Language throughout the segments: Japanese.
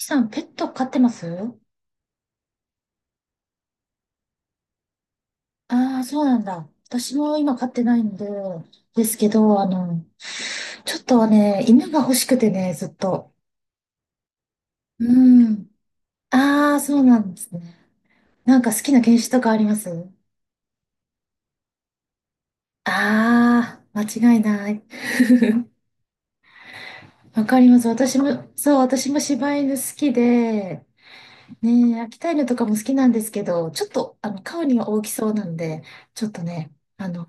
さん、ペット飼ってます？ああー、そうなんだ。私も今飼ってないんで、ですけど、ちょっとはね、犬が欲しくてね、ずっと。うん。ああ、そうなんですね。なんか好きな犬種とかあります？ああー、間違いない。わかります。私も柴犬好きで、ねえ、秋田犬とかも好きなんですけど、ちょっと、顔には大きそうなんで、ちょっとね、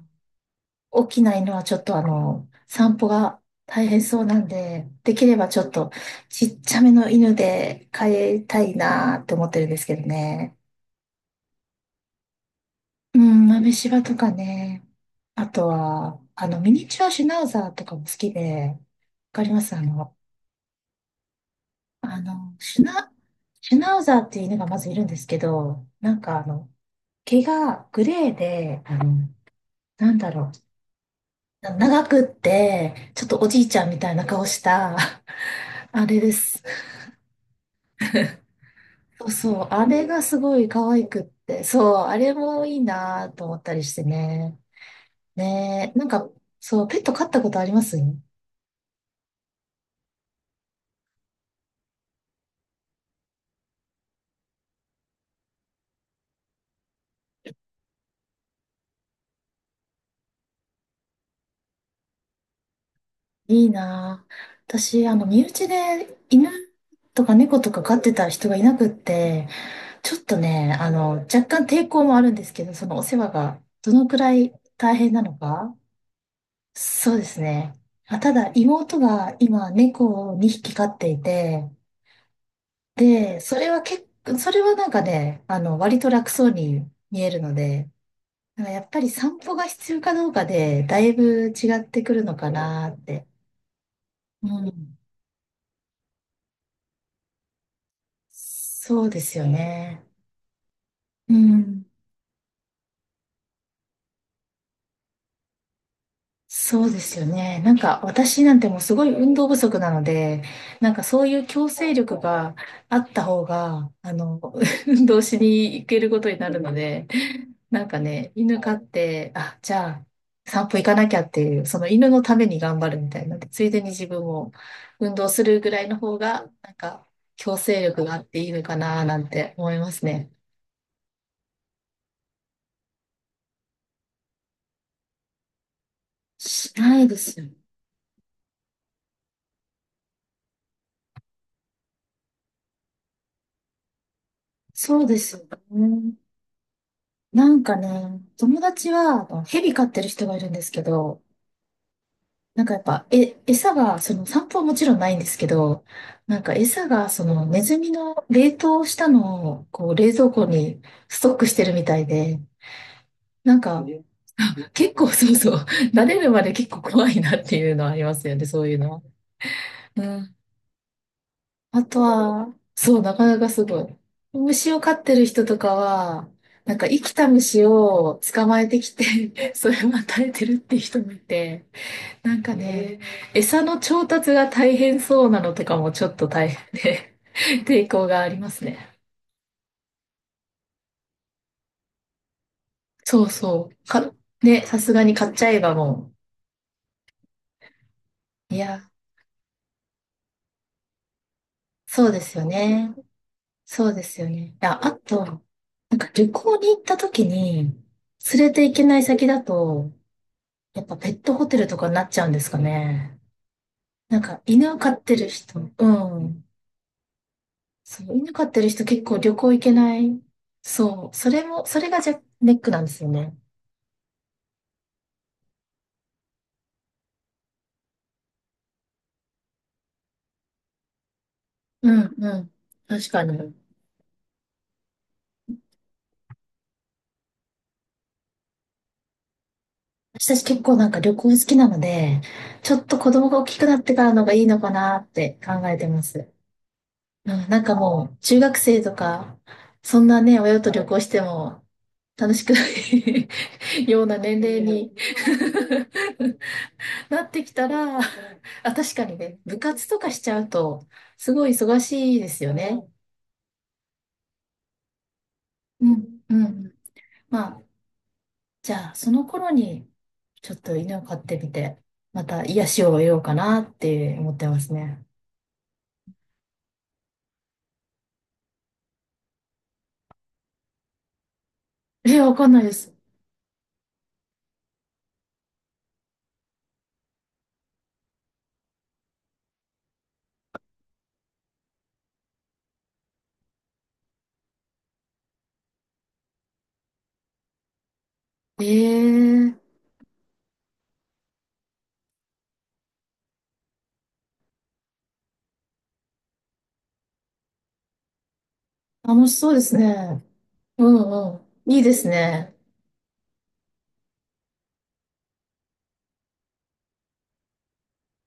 起きないのはちょっと散歩が大変そうなんで、できればちょっとちっちゃめの犬で飼いたいなーって思ってるんですけどね。うん、豆柴とかね。あとは、ミニチュアシュナウザーとかも好きで、わかりますあの、シュナ、シュナウザーっていう犬がまずいるんですけど、なんか毛がグレーで、なんだろう、長くって、ちょっとおじいちゃんみたいな顔した、あれです。そうそう、あれがすごい可愛くって、そう、あれもいいなと思ったりしてね。ねえ、なんか、そう、ペット飼ったことあります？いいなぁ。私、身内で犬とか猫とか飼ってた人がいなくって、ちょっとね、若干抵抗もあるんですけど、そのお世話がどのくらい大変なのか。そうですね。あ、ただ、妹が今、猫を2匹飼っていて、で、それはなんかね、割と楽そうに見えるので、だからやっぱり散歩が必要かどうかで、だいぶ違ってくるのかなって。うん。そうですよね。うん。そうですよね。なんか、私なんてもうすごい運動不足なので、なんかそういう強制力があった方が、運動しに行けることになるので、なんかね、犬飼って、あ、じゃあ、散歩行かなきゃっていう、その犬のために頑張るみたいな。でついでに自分も運動するぐらいの方が、なんか、強制力があっていいのかななんて思いますね。しないですよ。そうですよね。なんかね、友達は、蛇飼ってる人がいるんですけど、なんかやっぱ、餌が、その散歩はもちろんないんですけど、なんか餌が、そのネズミの冷凍したのを、こう冷蔵庫にストックしてるみたいで、なんか、結構そうそう、慣れるまで結構怖いなっていうのはありますよね、そういうのは。うん。あとは、そう、なかなかすごい。虫を飼ってる人とかは、なんか生きた虫を捕まえてきてそれを与えてるっていう人もいて、なんかね、餌の調達が大変そうなのとかもちょっと大変で 抵抗がありますね。そうそう。か、ね、さすがに買っちゃえばもう。いや、そうですよね。そうですよね。いや、あと、なんか旅行に行った時に、連れて行けない先だと、やっぱペットホテルとかになっちゃうんですかね。なんか犬を飼ってる人、うん。そう、犬飼ってる人結構旅行行けない。そう、それがじゃ、ネックなんですよね。うんうん。確かに。私たち結構なんか旅行好きなので、ちょっと子供が大きくなってからのがいいのかなって考えてます。うん、なんかもう中学生とか、そんなね、親と旅行しても楽しくない ような年齢に なってきたら、あ、確かにね、部活とかしちゃうと、すごい忙しいですよね。うん、うん。まあ、じゃあ、その頃に、ちょっと犬を飼ってみて、また癒しを得ようかなって思ってますね。え、わかんないです。ええ、楽しそうですね。うんうん。いいですね。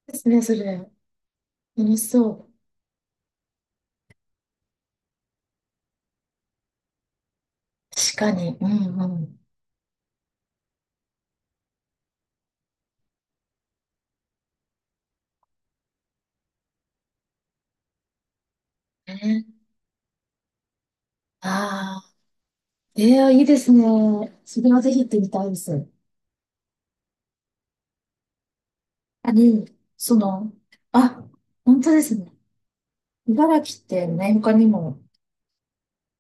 ですね、それ。楽しそう。確かに。うんうん。ね、ああー、ええ、いいですね。それはぜひ行ってみたいです。あ、で、その、あ、本当ですね。茨城って何他にも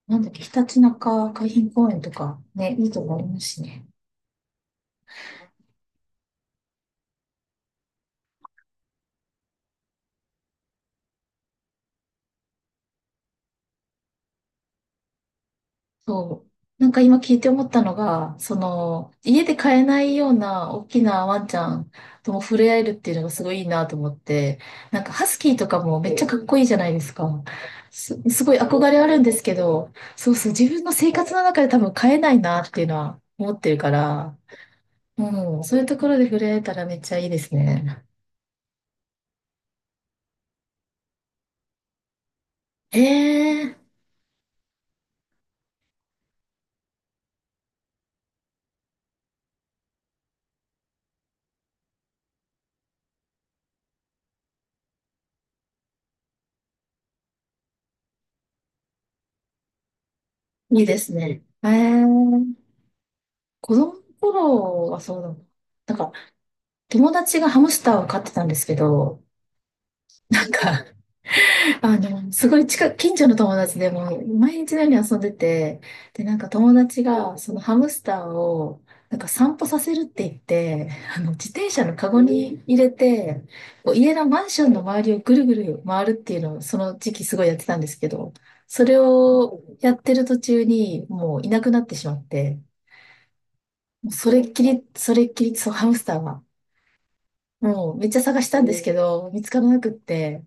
なんだっけ、ひたちなか海浜公園とかね、いいとこありますしね。そう。なんか今聞いて思ったのが、その、家で飼えないような大きなワンちゃんとも触れ合えるっていうのがすごいいいなと思って、なんかハスキーとかもめっちゃかっこいいじゃないですか。すごい憧れあるんですけど、そうそう、自分の生活の中で多分飼えないなっていうのは思ってるから、うん、そういうところで触れ合えたらめっちゃいいですね。ええ、いいですね。ええ、子供の頃はそうだもん。なんか、友達がハムスターを飼ってたんですけど、なんか、すごい近所の友達でもう毎日のように遊んでて、で、なんか友達がそのハムスターを、なんか散歩させるって言って、自転車のカゴに入れて、こう家のマンションの周りをぐるぐる回るっていうのを、その時期すごいやってたんですけど、それをやってる途中にもういなくなってしまって、もうそれっきり、それっきり、そう、ハムスターはもうめっちゃ探したんですけど、見つからなくって、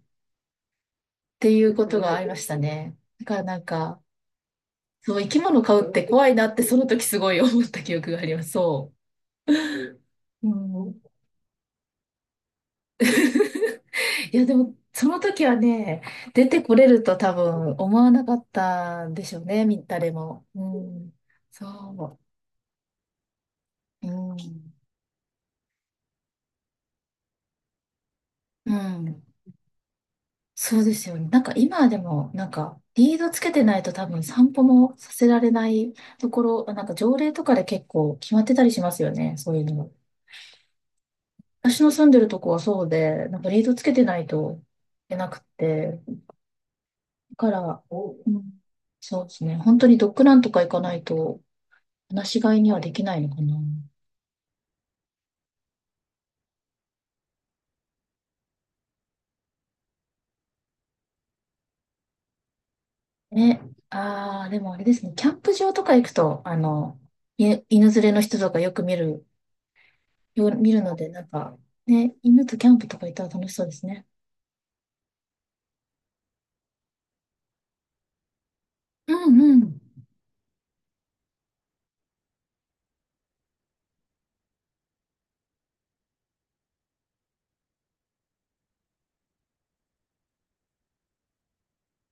っていうことがありましたね。だからなんか、そう、生き物飼うって怖いなってその時すごい思った記憶があります。そう。うん。いや、でも、その時はね、出てこれると多分思わなかったんでしょうね、誰も。うん。そう。うん。うん。そうですよね。なんか今でも、なんか、リードつけてないと多分散歩もさせられないところ、なんか条例とかで結構決まってたりしますよね、そういうのも。私の住んでるとこはそうで、なんかリードつけてないといけなくて、だから、うん、そうですね、本当にドッグランとか行かないと、話し飼いにはできないのかな。ね、ああ、でもあれですね、キャンプ場とか行くと、い犬連れの人とかよく見るので、なんか、ね、犬とキャンプとか行ったら楽しそうですね。うんうん。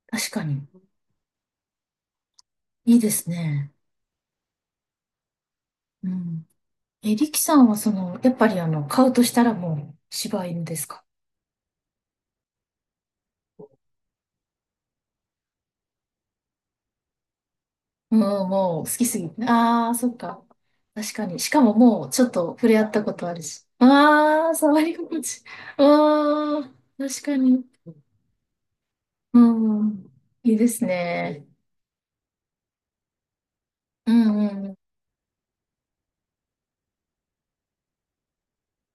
確かに。いいですね。うん。え、リキさんはその、やっぱり買うとしたらもう、柴犬ですか？うん、もう好きすぎて。ああ、そっか。確かに。しかももう、ちょっと触れ合ったことあるし。ああ、触り心地。ああ、確かに。うん。いいですね。うんうん